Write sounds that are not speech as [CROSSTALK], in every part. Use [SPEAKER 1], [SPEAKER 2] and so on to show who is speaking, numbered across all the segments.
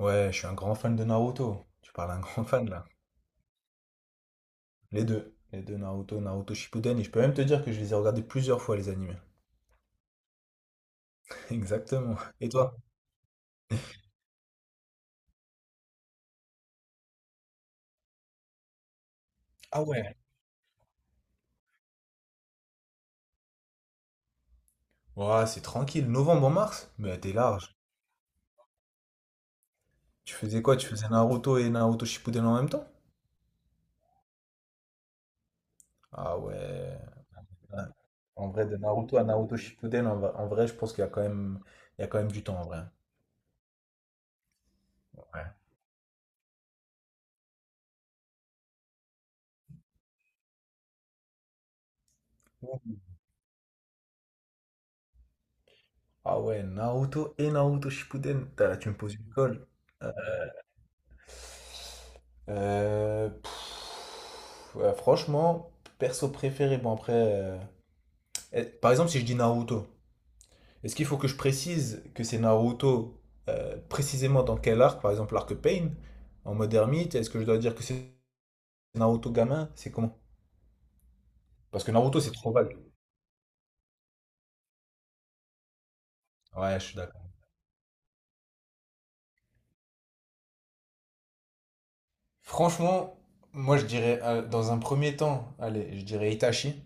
[SPEAKER 1] Ouais, je suis un grand fan de Naruto. Tu parles à un [LAUGHS] grand fan là. Les deux. Les deux Naruto, Naruto Shippuden. Et je peux même te dire que je les ai regardés plusieurs fois les animés. [LAUGHS] Exactement. Et toi? Ah ouais. Ouais, c'est tranquille. Novembre en mars? Mais t'es large. Tu faisais quoi? Tu faisais Naruto et Naruto Shippuden en même temps? Ah ouais. Ouais. En vrai, de Naruto à Naruto Shippuden, en vrai, je pense qu'il y a quand même, il y a quand même du temps en vrai. Ouais. Ah ouais, Naruto et Naruto Shippuden. Tu me poses une colle. Ouais, franchement, perso préféré, bon après, par exemple, si je dis Naruto, est-ce qu'il faut que je précise que c'est Naruto précisément dans quel arc, par exemple l'arc Pain, en mode ermite, est-ce que je dois dire que c'est Naruto gamin? C'est comment? Parce que Naruto, c'est trop vague. Ouais, je suis d'accord. Franchement, moi je dirais, dans un premier temps, allez, je dirais Itachi.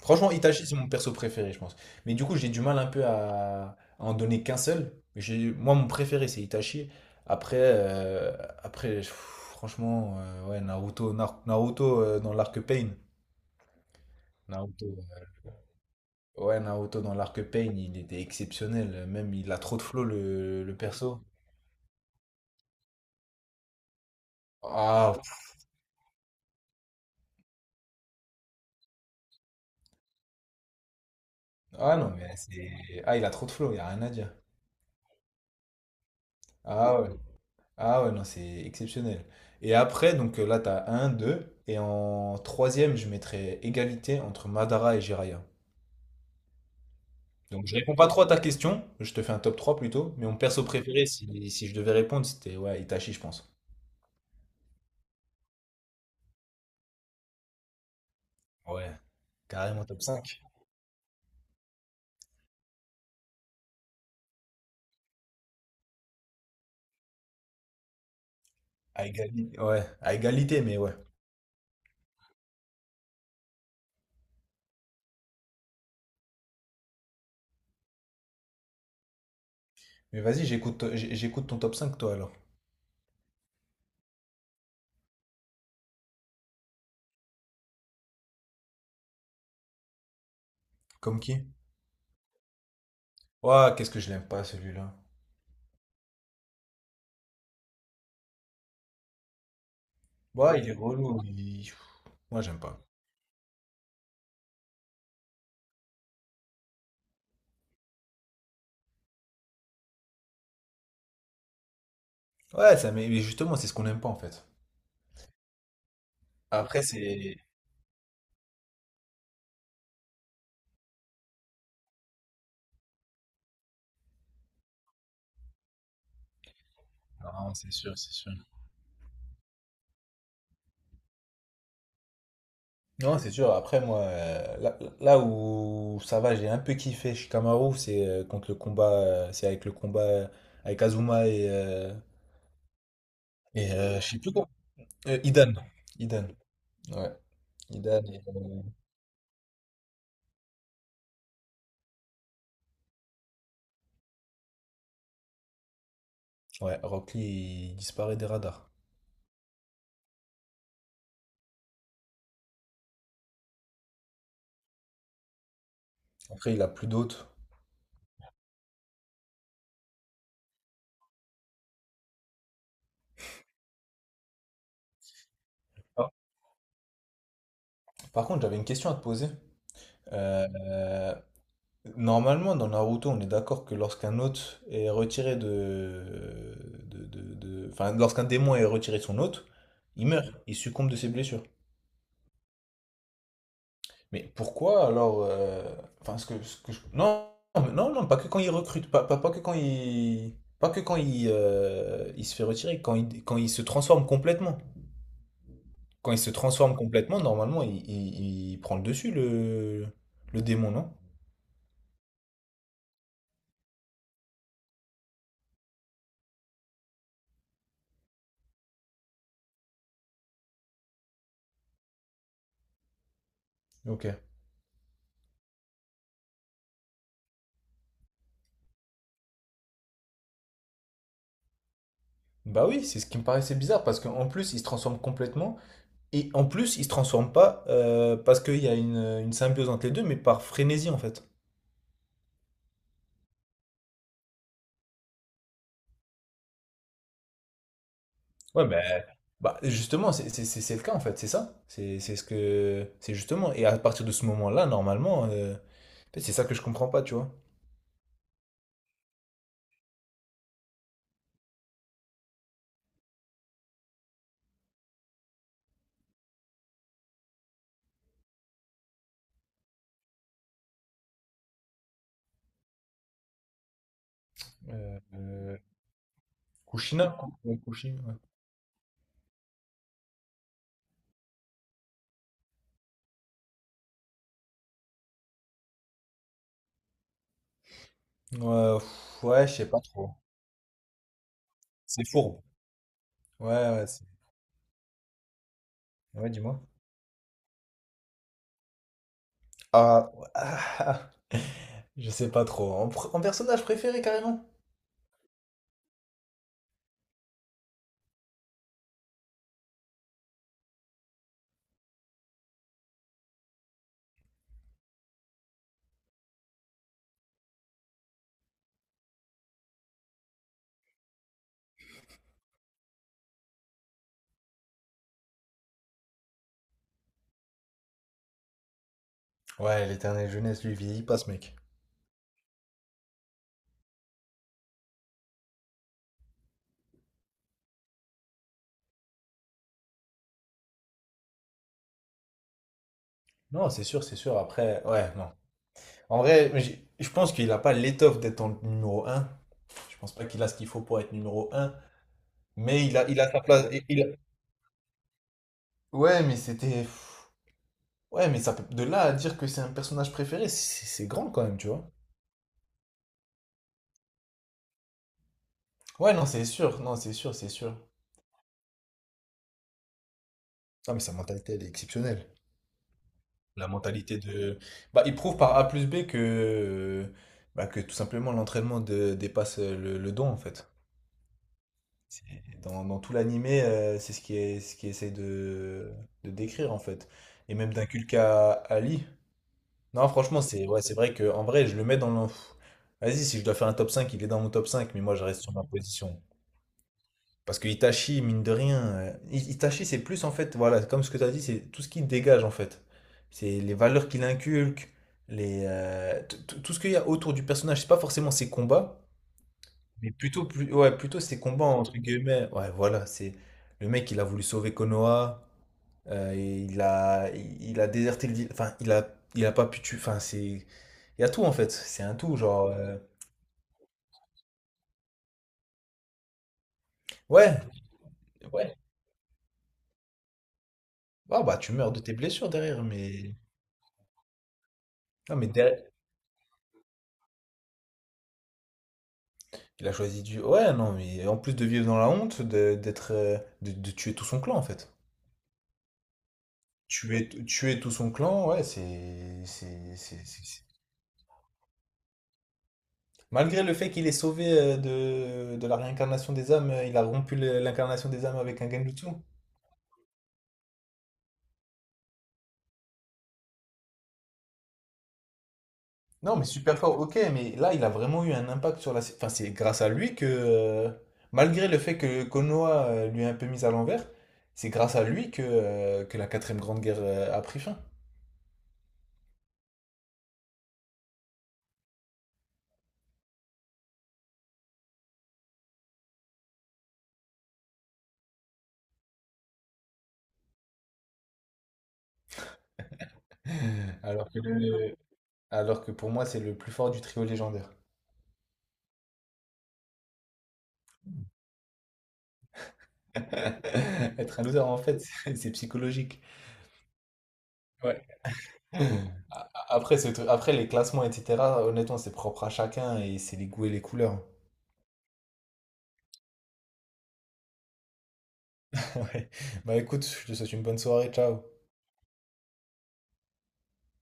[SPEAKER 1] Franchement, Itachi, c'est mon perso préféré, je pense. Mais du coup, j'ai du mal un peu à en donner qu'un seul. Moi, mon préféré, c'est Itachi. Après, après franchement, ouais, Naruto, Naruto dans l'arc Pain. Naruto. Ouais, Naruto dans l'arc Pain, il était exceptionnel. Même, il a trop de flow, le perso. Ah, pff, ah non, mais ah, il a trop de flow, il n'y a rien à dire. Ah ouais. Ah ouais, non, c'est exceptionnel. Et après, là, t'as un, deux. Et en troisième, je mettrais égalité entre Madara et Jiraiya. Donc je réponds pas trop à ta question, je te fais un top 3 plutôt, mais mon perso préféré, si je devais répondre, c'était ouais, Itachi, je pense. Ouais, carrément top cinq. À égalité. Ouais, à égalité, mais ouais. Mais vas-y, j'écoute ton top 5 toi, alors. Comme qui? Ouais, qu'est-ce que je l'aime pas, celui-là. Ouais, il est relou. Moi, j'aime pas. Ouais, ça, mais justement, c'est ce qu'on n'aime pas, en fait. Après, c'est. Non, c'est sûr, c'est sûr. Non, c'est sûr. Après, moi, là où ça va, j'ai un peu kiffé Shikamaru, c'est contre le combat, c'est avec le combat avec Azuma et, et je sais plus quoi. Idan. Idan. Ouais. Idan et, ouais, Rock Lee, il disparaît des radars. Après, il a plus d'autres. Ah. Par contre, j'avais une question à te poser. Euh, Normalement, dans Naruto, on est d'accord que lorsqu'un hôte est retiré de, enfin, lorsqu'un démon est retiré de son hôte, il meurt, il succombe de ses blessures. Mais pourquoi alors, enfin, non, mais non, non, pas que quand il recrute, pas que quand il se fait retirer, quand il se transforme complètement. Quand il se transforme complètement, normalement, il prend le dessus, le démon, non? Ok. Bah oui, c'est ce qui me paraissait bizarre, parce qu'en plus, il se transforme complètement. Et en plus, ils se transforment pas parce qu'il y a une symbiose entre les deux, mais par frénésie en fait. Ouais, ben. Bah justement, c'est le cas en fait, c'est ça. C'est ce que c'est justement. Et à partir de ce moment-là, normalement, en fait, c'est ça que je comprends pas, tu vois. Euh, euh, Kushina, ouais, ouais. Ouais, ouais, je sais pas trop. C'est fourbe. Ouais, ouais, ouais, dis-moi. Ah, [LAUGHS] ouais, ah, ah. [LAUGHS] Je sais pas trop. En personnage préféré carrément. Ouais, l'éternelle jeunesse, lui, vieillit pas ce mec. Non, c'est sûr, c'est sûr. Après, ouais, non. En vrai, je pense qu'il n'a pas l'étoffe d'être en numéro un. Je pense pas qu'il a ce qu'il faut pour être numéro un. Mais il a sa place. Ouais, mais c'était. Ouais, mais de là à dire que c'est un personnage préféré, c'est grand quand même, tu vois. Ouais, non, c'est sûr. Non, c'est sûr, c'est sûr. Non, mais sa mentalité, elle est exceptionnelle. La mentalité de. Bah, il prouve par A plus B que. Bah, que tout simplement l'entraînement dépasse le don, en fait. C'est- dans tout l'animé, c'est ce qui est, ce qui essaie de décrire en fait. Et même d'inculquer à Ali. Non, franchement, c'est ouais, c'est vrai que en vrai, je le mets dans le. Vas-y, si je dois faire un top 5, il est dans mon top 5, mais moi je reste sur ma position. Parce que Itachi, mine de rien, Itachi, c'est plus en fait, voilà, comme ce que tu as dit, c'est tout ce qu'il dégage en fait. C'est les valeurs qu'il inculque, les, tout ce qu'il y a autour du personnage. C'est pas forcément ses combats, mais plutôt, plus, ouais, plutôt ces combats entre guillemets. Ouais, voilà, c'est le mec, il a voulu sauver Konoha, il a déserté enfin, il a pas pu tuer. Enfin, il y a tout en fait. C'est un tout, genre. Ouais, ouais. Ah bah, tu meurs de tes blessures derrière, mais non, mais derrière, il a choisi du. Ouais, non, mais en plus de vivre dans la honte, d'être, de tuer tout son clan en fait. Tuer, tuer tout son clan, ouais. Malgré le fait qu'il ait sauvé de la réincarnation des âmes, il a rompu l'incarnation des âmes avec un Genjutsu. Non, mais super fort, ok, mais là, il a vraiment eu un impact sur enfin, c'est grâce à lui que, malgré le fait que Konoha lui a un peu mis à l'envers, c'est grâce à lui que la quatrième grande guerre a pris fin. [LAUGHS] Alors que le, Alors que pour moi, c'est le plus fort du trio légendaire. [LAUGHS] Être un loser, en fait, c'est psychologique. Ouais. Après, les classements, etc., honnêtement, c'est propre à chacun et c'est les goûts et les couleurs. [LAUGHS] Ouais. Bah écoute, je te souhaite une bonne soirée, ciao.